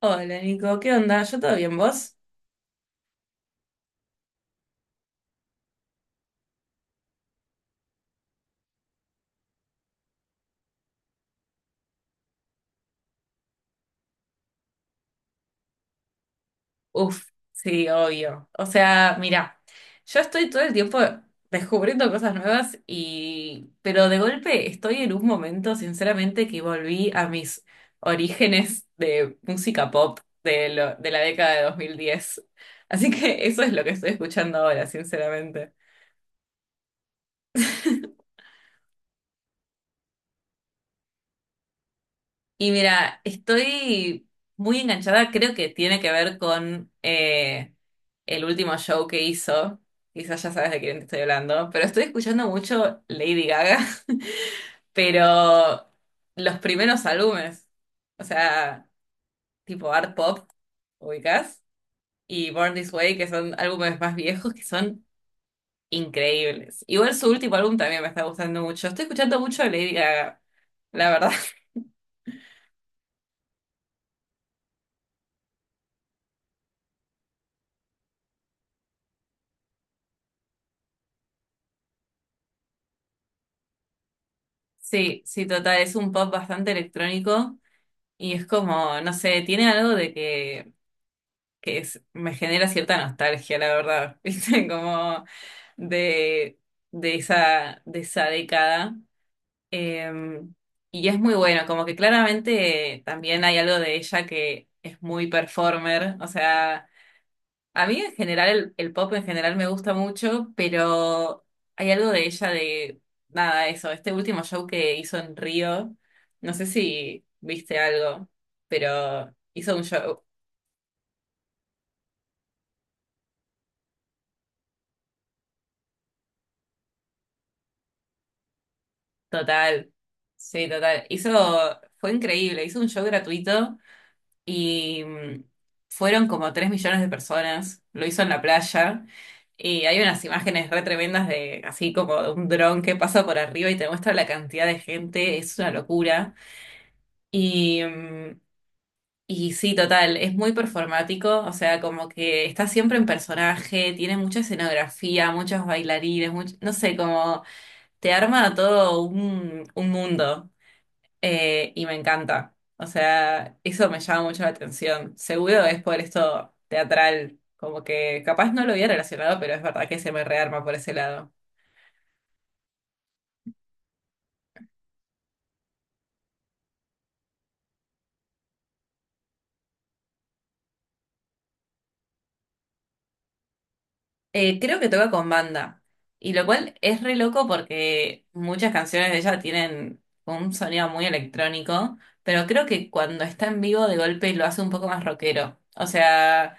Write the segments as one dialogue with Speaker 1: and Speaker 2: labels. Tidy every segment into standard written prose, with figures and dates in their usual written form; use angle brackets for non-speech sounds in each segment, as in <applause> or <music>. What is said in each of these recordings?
Speaker 1: Hola Nico, ¿qué onda? ¿Yo todo bien, vos? Uf, sí, obvio. O sea, mira, yo estoy todo el tiempo descubriendo cosas nuevas y... Pero de golpe estoy en un momento, sinceramente, que volví a mis orígenes de música pop de la década de 2010. Así que eso es lo que estoy escuchando ahora, sinceramente. <laughs> Y mira, estoy muy enganchada, creo que tiene que ver con el último show que hizo. Quizás ya sabes de quién te estoy hablando, pero estoy escuchando mucho Lady Gaga, <laughs> pero los primeros álbumes, o sea, tipo Art Pop, ubicás, y Born This Way, que son álbumes más viejos, que son increíbles. Igual su último álbum también me está gustando mucho. Estoy escuchando mucho Lady Gaga, la verdad. <laughs> Sí, sí, total, es un pop bastante electrónico. Y es como, no sé, tiene algo de que es- me genera cierta nostalgia, la verdad, <laughs> ¿viste? Como de, de esa década. Eh, y es muy bueno, como que claramente también hay algo de ella que es muy performer, o sea, a mí en general, el pop en general me gusta mucho, pero hay algo de ella de, nada, eso, este último show que hizo en Río, no sé si viste algo, pero hizo un show total, sí, total, hizo, fue increíble, hizo un show gratuito y fueron como 3 millones de personas, lo hizo en la playa. Y hay unas imágenes re tremendas de así como de un dron que pasa por arriba y te muestra la cantidad de gente, es una locura. Y, mm, y sí, total, es muy performático, o sea, como que está siempre en personaje, tiene mucha escenografía, muchos bailarines, no sé, como te arma todo un mundo y me encanta. O sea, eso me llama mucho la atención. Seguro es por esto teatral, como que capaz no lo había relacionado, pero es verdad que se me rearma por ese lado. Creo que toca con banda. Y lo cual es re loco porque muchas canciones de ella tienen un sonido muy electrónico, pero creo que cuando está en vivo de golpe lo hace un poco más rockero. O sea,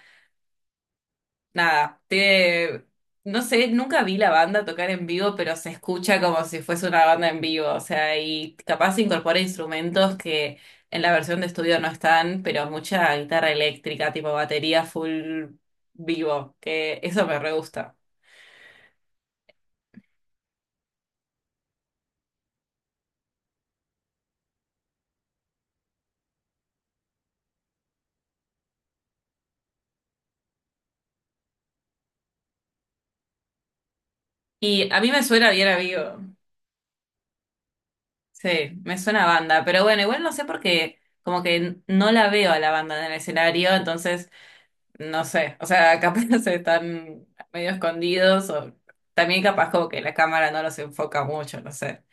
Speaker 1: nada, no sé, nunca vi la banda tocar en vivo, pero se escucha como si fuese una banda en vivo. O sea, y capaz incorpora instrumentos que en la versión de estudio no están, pero mucha guitarra eléctrica, tipo batería full vivo, que eso me re gusta. Y a mí me suena bien amigo. Sí, me suena a banda. Pero bueno, igual no sé porque como que no la veo a la banda en el escenario, entonces no sé. O sea, capaz <laughs> se están medio escondidos o también capaz como que la cámara no los enfoca mucho, no sé.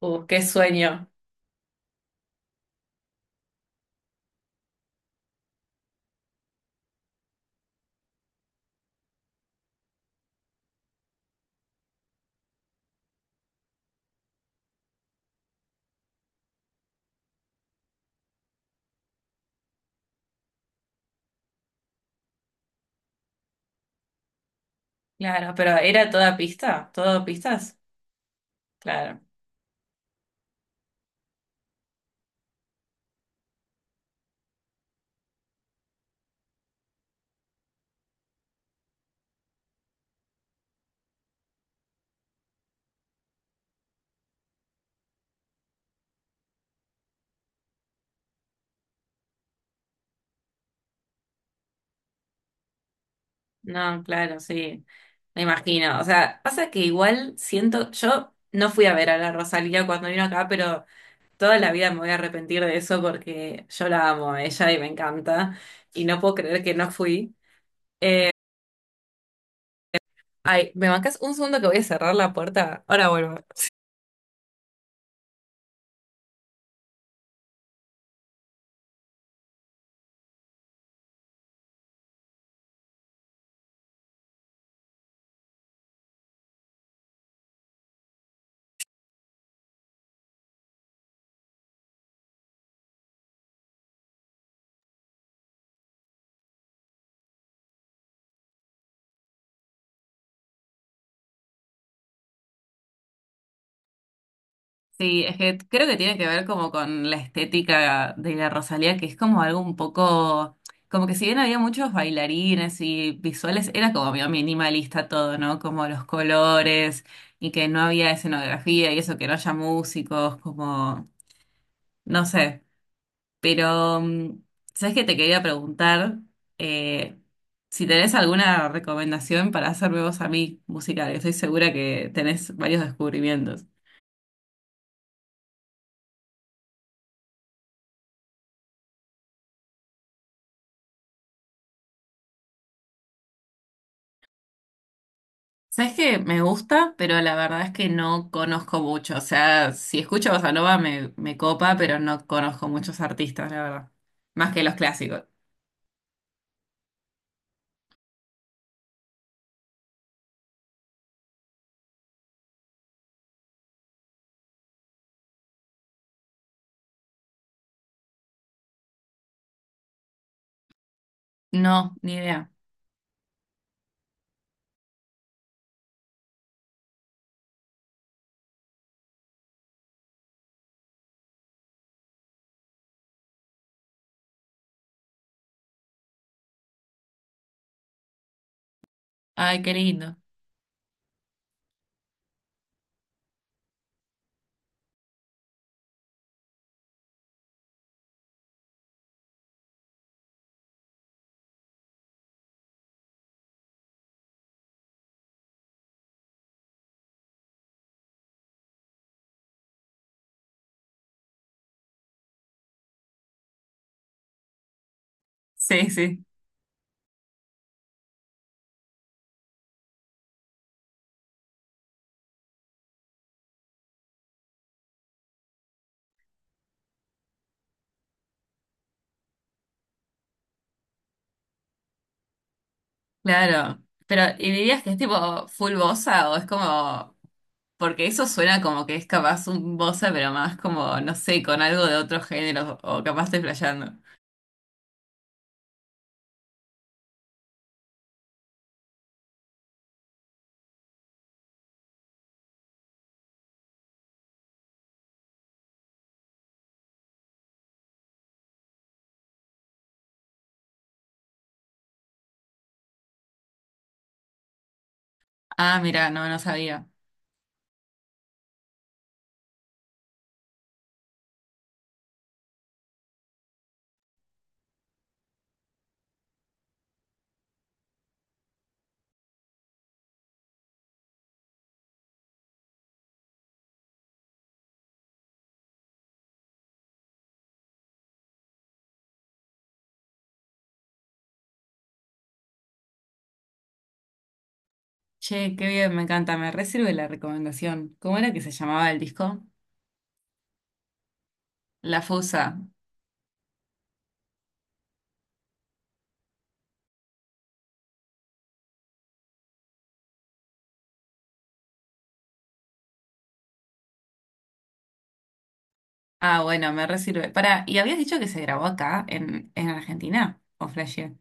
Speaker 1: Qué sueño. Claro, pero ¿era toda pista? ¿Todo pistas? Claro. No, claro, sí. Me imagino. O sea, pasa que igual siento, yo no fui a ver a la Rosalía cuando vino acá, pero... Toda la vida me voy a arrepentir de eso porque yo la amo a ella y me encanta. Y no puedo creer que no fui. Ay, ¿me bancas un segundo que voy a cerrar la puerta? Ahora vuelvo. Sí, es que creo que tiene que ver como con la estética de la Rosalía, que es como algo un poco, como que si bien había muchos bailarines y visuales, era como medio minimalista todo, ¿no? Como los colores y que no había escenografía y eso, que no haya músicos, como, no sé. Pero, mm, ¿sabes qué te quería preguntar? Eh, si tenés alguna recomendación para hacerme vos a mí musical, que estoy segura que tenés varios descubrimientos. ¿Sabes qué? Me gusta, pero la verdad es que no conozco mucho. O sea, si escucho bossa nova me copa, pero no conozco muchos artistas, la verdad. Más que los clásicos. No, ni idea. Ay, qué lindo. Sí, sí, claro. Pero, ¿y dirías que es tipo full bossa o es como porque eso suena como que es capaz un bossa, pero más como, no sé, con algo de otro género, o capaz estoy flasheando. Ah, mira, no, no sabía. Che, qué bien, me encanta, me re la recomendación. ¿Cómo era que se llamaba el disco? La Fusa. Ah, bueno, me re sirve. Pará, ¿y habías dicho que se grabó acá, en Argentina? ¿O flashé?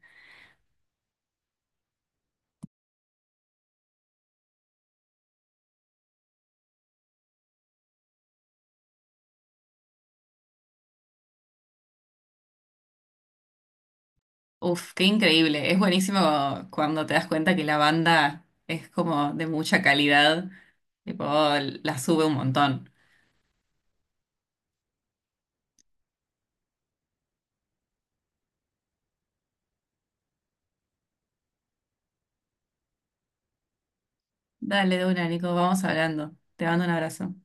Speaker 1: Uf, qué increíble. Es buenísimo cuando te das cuenta que la banda es como de mucha calidad, tipo, la sube un montón. Dale, de una, Nico, vamos hablando. Te mando un abrazo.